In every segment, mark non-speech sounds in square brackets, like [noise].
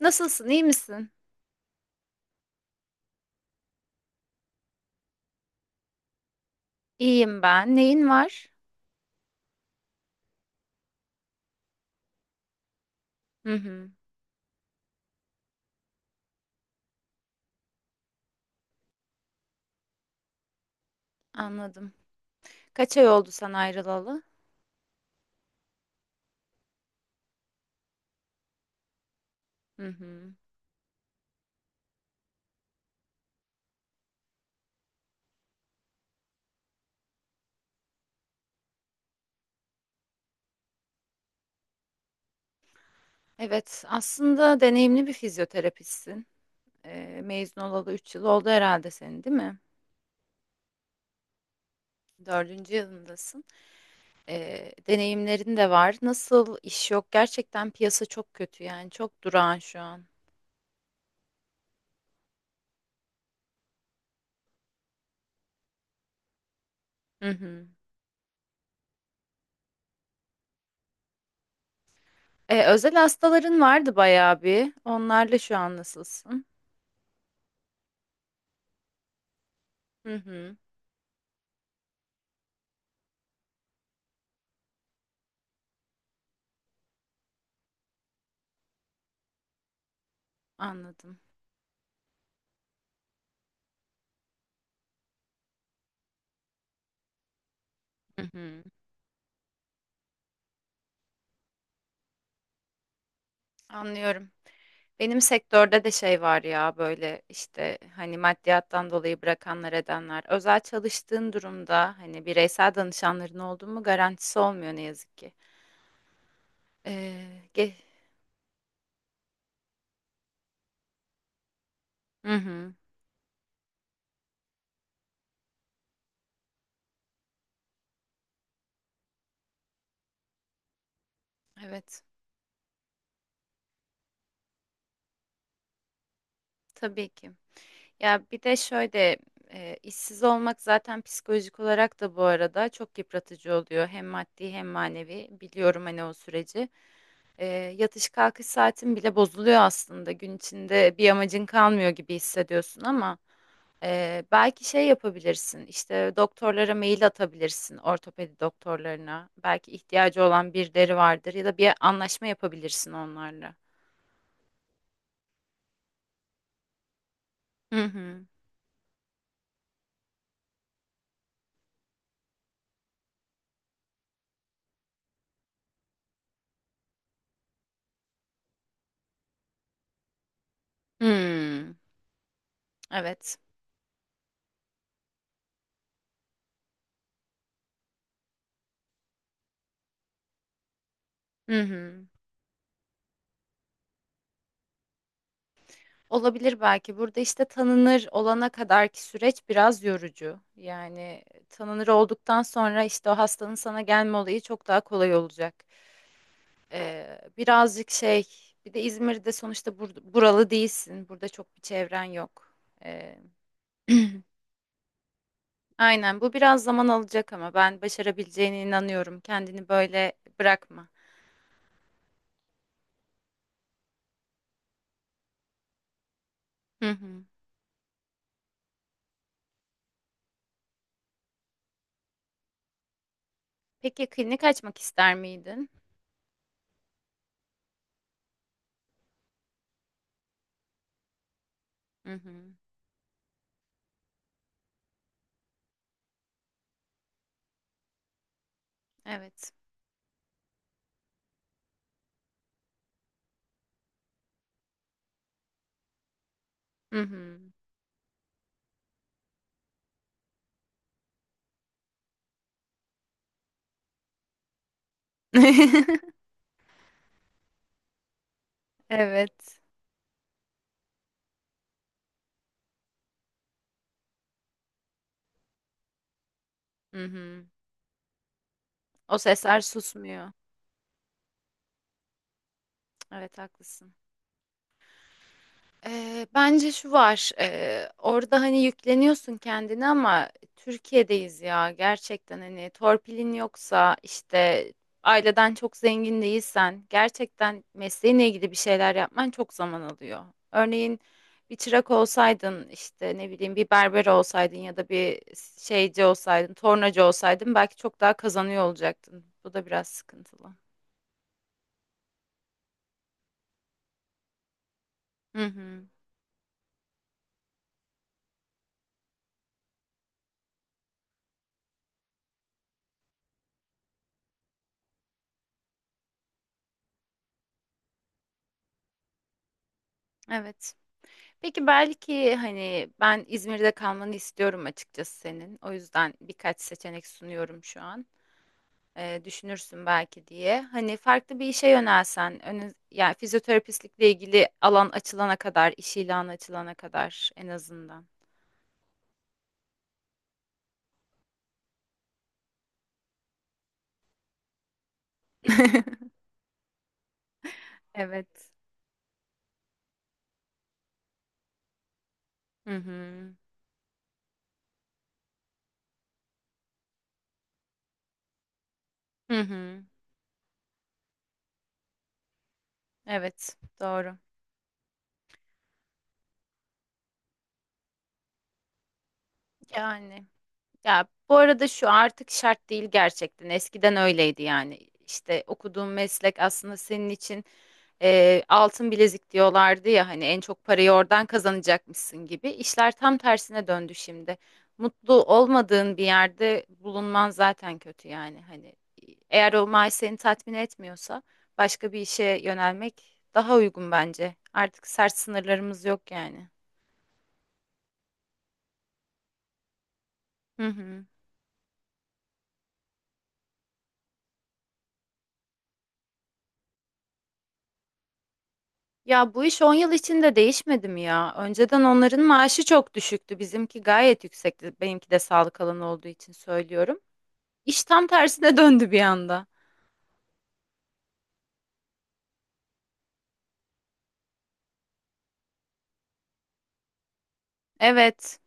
Nasılsın, iyi misin? İyiyim ben. Neyin var? Hı hı, anladım. Kaç ay oldu sen ayrılalı? Hı hı. Evet, aslında deneyimli bir fizyoterapistsin. Mezun olalı 3 yıl oldu herhalde senin, değil mi? Dördüncü yılındasın. Deneyimlerin de var. Nasıl iş yok? Gerçekten piyasa çok kötü yani. Çok durağan şu an. Hı hı. Özel hastaların vardı bayağı bir. Onlarla şu an nasılsın? Hı hı, anladım. Hı hı. Anlıyorum. Benim sektörde de şey var ya, böyle işte, hani maddiyattan dolayı bırakanlar edenler. Özel çalıştığın durumda hani bireysel danışanların olduğu mu garantisi olmuyor ne yazık ki. Ee, ge- Hı hı, evet, tabii ki. Ya bir de şöyle, işsiz olmak zaten psikolojik olarak da bu arada çok yıpratıcı oluyor. Hem maddi hem manevi, biliyorum hani o süreci. E, yatış kalkış saatin bile bozuluyor aslında. Gün içinde bir amacın kalmıyor gibi hissediyorsun ama. Belki şey yapabilirsin, işte doktorlara mail atabilirsin, ortopedi doktorlarına. Belki ihtiyacı olan birileri vardır ya da bir anlaşma yapabilirsin onlarla. Hı hı. Hmm, evet. Hı hı. Olabilir belki. Burada işte tanınır olana kadarki süreç biraz yorucu. Yani tanınır olduktan sonra işte o hastanın sana gelme olayı çok daha kolay olacak. Birazcık şey, bir de İzmir'de sonuçta buralı değilsin. Burada çok bir çevren yok. [clears throat] Aynen, bu biraz zaman alacak ama ben başarabileceğine inanıyorum. Kendini böyle bırakma. Hı hı. Peki, klinik açmak ister miydin? Hı hı. Evet. Hı hı. [laughs] Evet. Hı hı. O sesler susmuyor. Evet, haklısın. Bence şu var. Orada hani yükleniyorsun kendini ama Türkiye'deyiz ya. Gerçekten hani torpilin yoksa, işte aileden çok zengin değilsen, gerçekten mesleğinle ilgili bir şeyler yapman çok zaman alıyor. Örneğin bir çırak olsaydın, işte ne bileyim, bir berber olsaydın ya da bir şeyci olsaydın, tornacı olsaydın belki çok daha kazanıyor olacaktın. Bu da biraz sıkıntılı. Hı hı. Evet. Peki, belki, hani ben İzmir'de kalmanı istiyorum açıkçası senin. O yüzden birkaç seçenek sunuyorum şu an. Düşünürsün belki diye. Hani farklı bir işe yönelsen, önü, yani fizyoterapistlikle ilgili alan açılana kadar, iş ilanı açılana kadar en azından. [laughs] Evet. Hı hı. Hı hı. Evet, doğru. Yani. Ya bu arada şu artık şart değil gerçekten. Eskiden öyleydi yani. İşte okuduğun meslek aslında senin için altın bilezik diyorlardı ya, hani en çok parayı oradan kazanacakmışsın gibi. İşler tam tersine döndü şimdi. Mutlu olmadığın bir yerde bulunman zaten kötü yani. Hani eğer o maaş seni tatmin etmiyorsa başka bir işe yönelmek daha uygun bence. Artık sert sınırlarımız yok yani. Hı hı. Ya bu iş 10 yıl içinde değişmedi mi ya? Önceden onların maaşı çok düşüktü. Bizimki gayet yüksekti. Benimki de sağlık alanı olduğu için söylüyorum. İş tam tersine [laughs] döndü bir anda. Evet,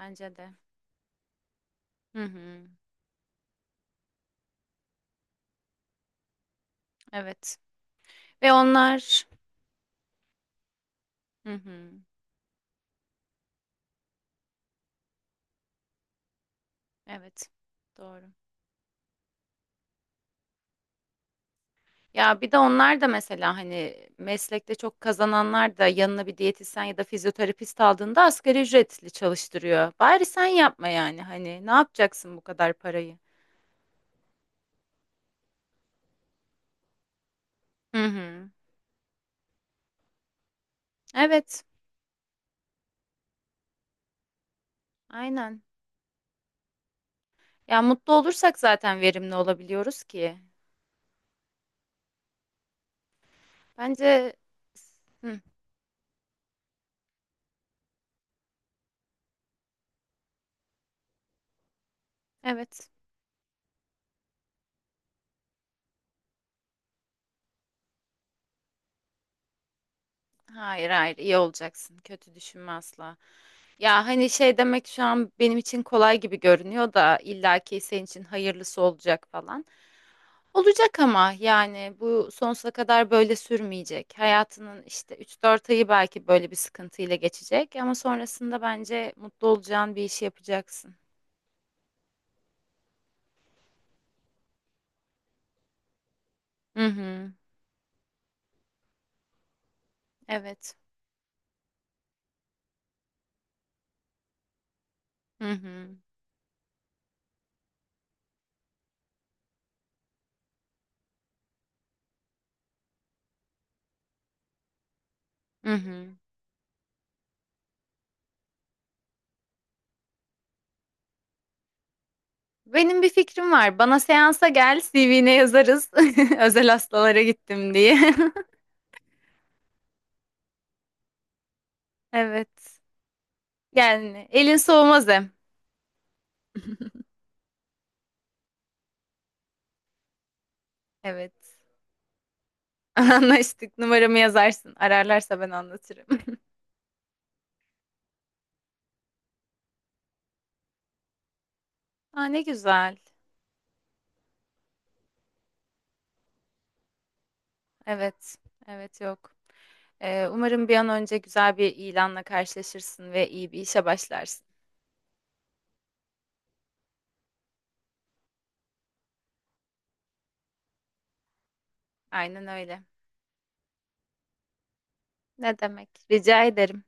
bence de. Hı hı, evet. Ve onlar... Hı hı, evet, doğru. Ya bir de onlar da mesela, hani meslekte çok kazananlar da yanına bir diyetisyen ya da fizyoterapist aldığında asgari ücretli çalıştırıyor. Bari sen yapma yani, hani ne yapacaksın bu kadar parayı? Hı hı. Evet. Aynen. Ya mutlu olursak zaten verimli olabiliyoruz ki. Bence. Hı, evet. Hayır hayır, iyi olacaksın. Kötü düşünme asla. Ya hani, şey demek şu an benim için kolay gibi görünüyor da illaki senin için hayırlısı olacak falan. Olacak ama yani bu sonsuza kadar böyle sürmeyecek. Hayatının işte 3-4 ayı belki böyle bir sıkıntıyla geçecek ama sonrasında bence mutlu olacağın bir işi yapacaksın. Hı hı. Evet. Hı hı. Hı hı. Benim bir fikrim var. Bana seansa gel, CV'ne yazarız. [laughs] Özel hastalara gittim diye. [laughs] Evet. Yani elin soğumaz hem. [laughs] Evet. [laughs] Anlaştık. Numaramı yazarsın. Ararlarsa ben anlatırım. [laughs] Aa, ne güzel. Evet. Evet, yok. Umarım bir an önce güzel bir ilanla karşılaşırsın ve iyi bir işe başlarsın. Aynen öyle. Ne demek? Rica ederim.